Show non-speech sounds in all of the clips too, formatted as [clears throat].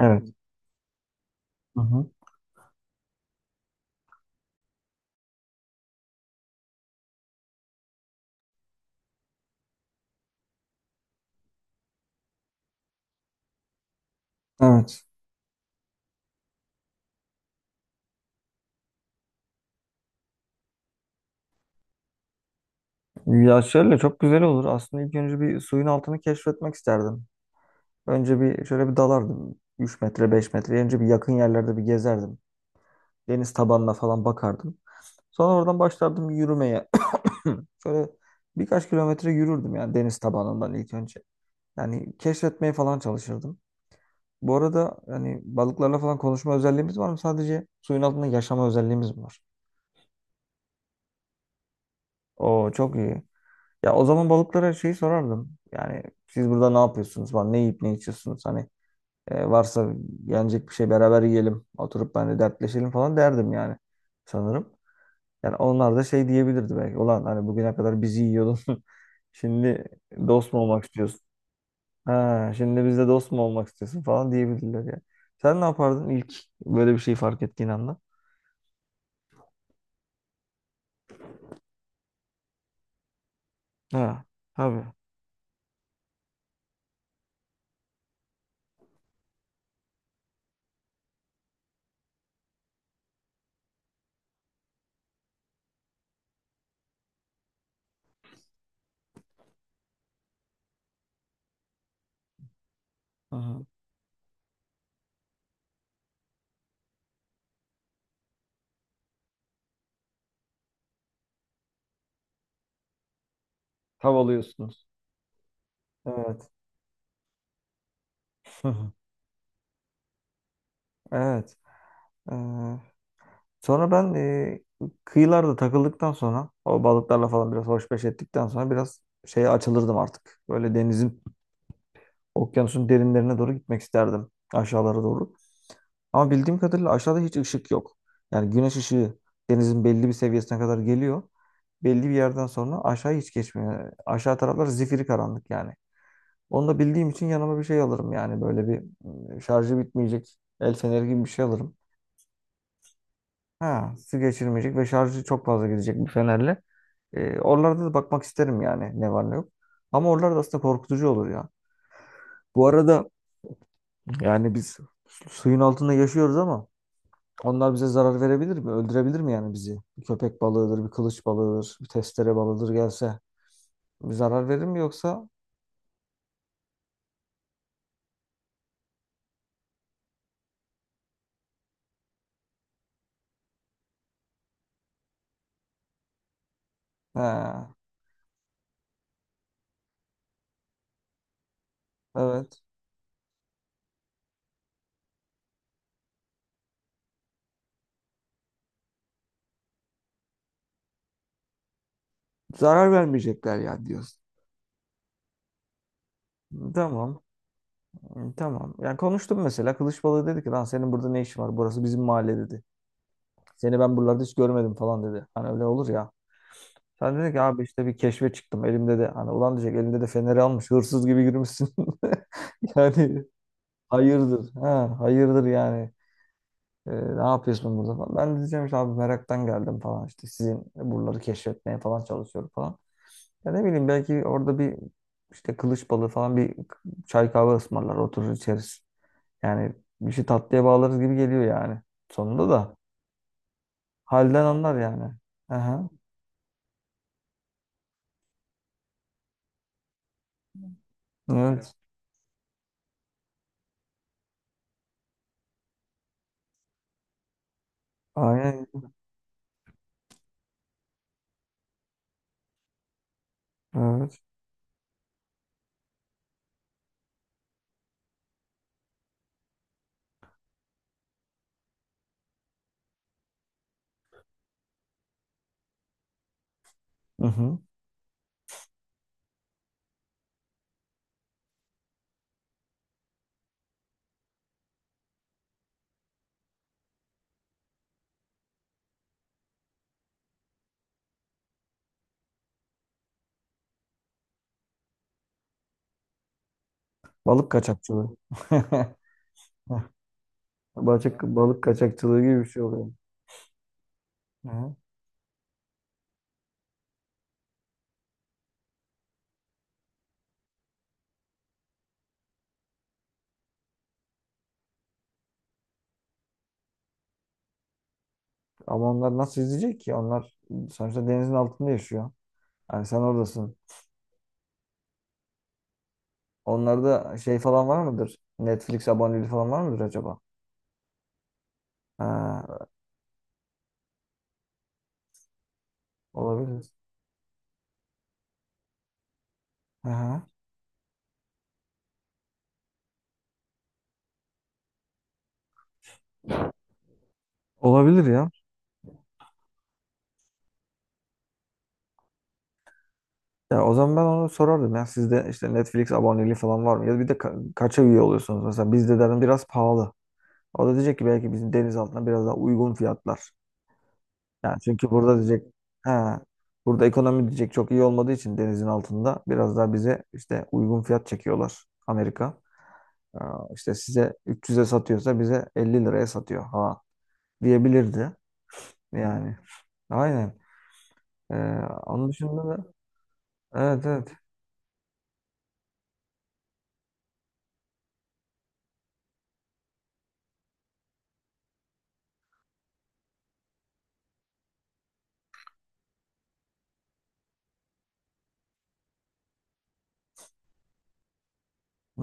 Evet. Hı hı. Evet. Ya şöyle çok güzel olur. Aslında ilk önce bir suyun altını keşfetmek isterdim. Önce bir şöyle bir dalardım. 3 metre 5 metre. Önce bir yakın yerlerde bir gezerdim. Deniz tabanına falan bakardım. Sonra oradan başlardım yürümeye. [clears throat] Şöyle birkaç kilometre yürürdüm yani deniz tabanından ilk önce. Yani keşfetmeye falan çalışırdım. Bu arada hani balıklarla falan konuşma özelliğimiz var mı? Sadece suyun altında yaşama özelliğimiz mi var? Oo, çok iyi. Ya o zaman balıklara şeyi sorardım. Yani siz burada ne yapıyorsunuz falan, ne yiyip ne içiyorsunuz hani, varsa yenecek bir şey beraber yiyelim, oturup ben de dertleşelim falan derdim yani sanırım. Yani onlar da şey diyebilirdi belki. Ulan hani bugüne kadar bizi yiyordun. [laughs] Şimdi dost mu olmak istiyorsun? Ha, şimdi bizle dost mu olmak istiyorsun falan diyebilirler ya. Sen ne yapardın ilk böyle bir şey fark ettiğin anda? Ha, tabii. Hı hı. Tav alıyorsunuz. Evet. [laughs] Evet. Ee, sonra ben kıyılarda takıldıktan sonra o balıklarla falan biraz hoşbeş ettikten sonra biraz şeye açılırdım artık. Böyle denizin, okyanusun derinlerine doğru gitmek isterdim. Aşağılara doğru. Ama bildiğim kadarıyla aşağıda hiç ışık yok. Yani güneş ışığı denizin belli bir seviyesine kadar geliyor. Belli bir yerden sonra aşağı hiç geçmiyor. Aşağı taraflar zifiri karanlık yani. Onu da bildiğim için yanıma bir şey alırım yani böyle bir, şarjı bitmeyecek el feneri gibi bir şey alırım. Ha, su geçirmeyecek ve şarjı çok fazla gidecek bir fenerle. Oralarda da bakmak isterim yani ne var ne yok. Ama oralarda aslında korkutucu olur ya. Bu arada yani biz suyun altında yaşıyoruz ama onlar bize zarar verebilir mi? Öldürebilir mi yani bizi? Bir köpek balığıdır, bir kılıç balığıdır, bir testere balığıdır gelse. Bir zarar verir mi yoksa? He, evet. Zarar vermeyecekler yani diyorsun. Tamam. Tamam. Yani konuştum mesela. Kılıç balığı dedi ki lan senin burada ne işin var? Burası bizim mahalle dedi. Seni ben buralarda hiç görmedim falan dedi. Hani öyle olur ya. Sen dedin ki abi işte bir keşfe çıktım. Elimde de hani ulan diyecek, elinde de feneri almış. Hırsız gibi yürümüşsün. [laughs] Yani hayırdır. Ha, hayırdır yani. Ne yapıyorsun burada falan. Ben de diyeceğim işte abi meraktan geldim falan. İşte sizin buraları keşfetmeye falan çalışıyorum falan. Ya ne bileyim belki orada bir işte kılıç balığı falan bir çay kahve ısmarlar, oturur içeriz. Yani bir şey tatlıya bağlarız gibi geliyor yani. Sonunda da halden anlar yani. Aha, evet. Aynen. Evet. Hı hı. Balık kaçakçılığı. [laughs] Balık kaçakçılığı gibi bir şey oluyor. Hı. Ama onlar nasıl izleyecek ki? Onlar sonuçta denizin altında yaşıyor. Yani sen oradasın. Onlarda şey falan var mıdır? Netflix aboneliği falan var mıdır acaba? Ha, olabilir. Aha. Olabilir ya. Ya o zaman ben onu sorardım ya. Sizde işte Netflix aboneliği falan var mı? Ya bir de kaça üye oluyorsunuz? Mesela bizde dedim biraz pahalı. O da diyecek ki belki bizim deniz altına biraz daha uygun fiyatlar. Yani çünkü burada diyecek ha, burada ekonomi diyecek çok iyi olmadığı için denizin altında biraz daha bize işte uygun fiyat çekiyorlar Amerika. Aa, işte size 300'e satıyorsa bize 50 liraya satıyor ha diyebilirdi yani. Aynen. Ee, onun dışında da evet, evet,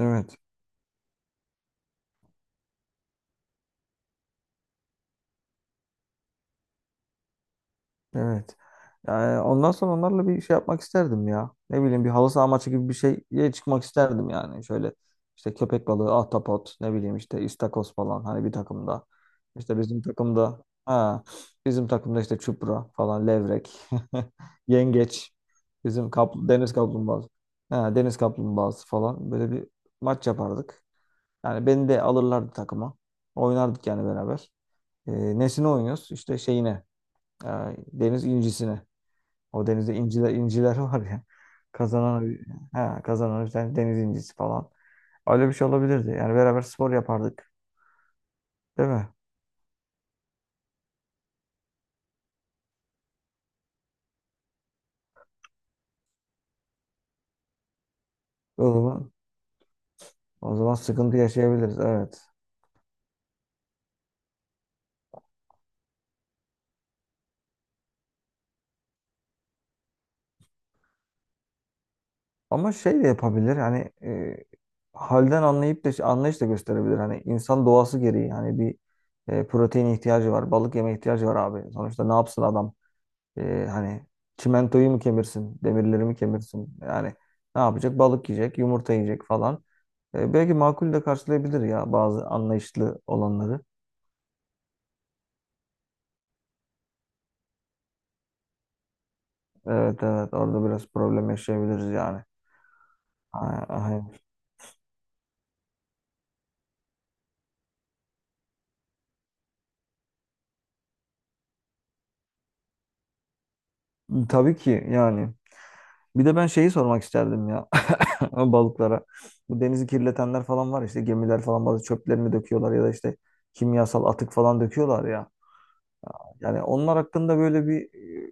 evet. Evet. Yani ondan sonra onlarla bir şey yapmak isterdim ya. Ne bileyim bir halı saha maçı gibi bir şeye çıkmak isterdim yani. Şöyle işte köpek balığı, ahtapot, ne bileyim işte istakoz falan hani bir takımda. İşte bizim takımda ha, bizim takımda işte çupra falan, levrek, [laughs] yengeç, bizim deniz kaplumbağası. Ha, deniz kaplumbağası falan, böyle bir maç yapardık. Yani beni de alırlardı takıma. Oynardık yani beraber. E, nesine oynuyoruz? İşte şeyine. e, deniz incisine. O denizde inciler inciler [laughs] var ya. Kazanan ha, kazanan bir tane deniz incisi falan. Öyle bir şey olabilirdi. Yani beraber spor yapardık. Değil mi? O zaman, o zaman sıkıntı yaşayabiliriz. Evet. Ama şey de yapabilir. Hani halden anlayıp da anlayış da gösterebilir. Hani insan doğası gereği hani bir, protein ihtiyacı var. Balık yeme ihtiyacı var abi. Sonuçta ne yapsın adam? Hani çimentoyu mu kemirsin? Demirleri mi kemirsin? Yani ne yapacak? Balık yiyecek, yumurta yiyecek falan. Belki makul de karşılayabilir ya bazı anlayışlı olanları. Evet, evet, orada biraz problem yaşayabiliriz yani. Aynen. Tabii ki yani. Bir de ben şeyi sormak isterdim ya, [laughs] balıklara. Bu denizi kirletenler falan var, işte gemiler falan bazı çöplerini döküyorlar ya da işte kimyasal atık falan döküyorlar ya. Yani onlar hakkında böyle bir,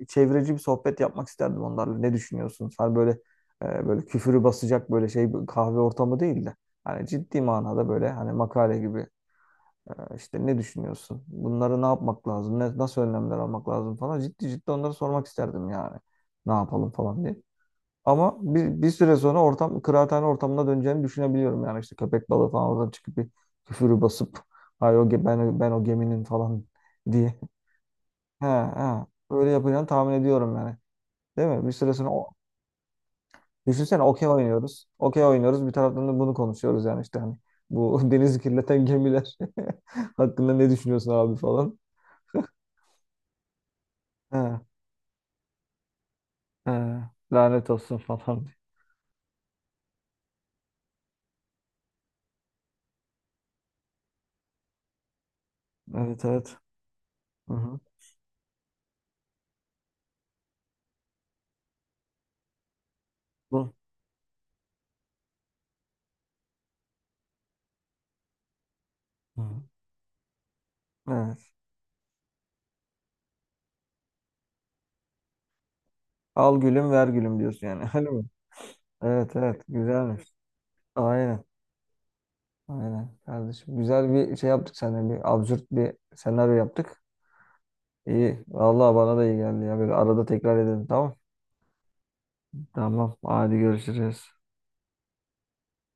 çevreci bir sohbet yapmak isterdim onlarla. Ne düşünüyorsunuz? Hani böyle böyle küfürü basacak böyle şey bir kahve ortamı değil de. Hani ciddi manada böyle hani makale gibi. İşte ne düşünüyorsun? Bunları ne yapmak lazım? Ne, nasıl önlemler almak lazım falan. Ciddi ciddi onları sormak isterdim yani. Ne yapalım falan diye. Ama bir süre sonra ortam kıraathane ortamına döneceğini düşünebiliyorum. Yani işte köpek balığı falan oradan çıkıp bir küfürü basıp, ay o ben o geminin falan diye. [laughs] He he. Öyle yapacağını tahmin ediyorum yani. Değil mi? Bir süre sonra o, düşünsene okey oynuyoruz. Okey oynuyoruz. Bir taraftan da bunu konuşuyoruz yani işte hani bu [laughs] denizi kirleten gemiler [laughs] hakkında ne düşünüyorsun abi falan. He. He, lanet olsun falan diyor. Evet, evet. Hı hı. Bu. Hı. Evet. Al gülüm ver gülüm diyorsun yani. Öyle mi? Evet, evet. Güzelmiş. Aynen. Aynen kardeşim. Güzel bir şey yaptık seninle. Bir absürt bir senaryo yaptık. İyi. Vallahi bana da iyi geldi ya. Böyle arada tekrar edelim, tamam. Tamam. Hadi görüşürüz.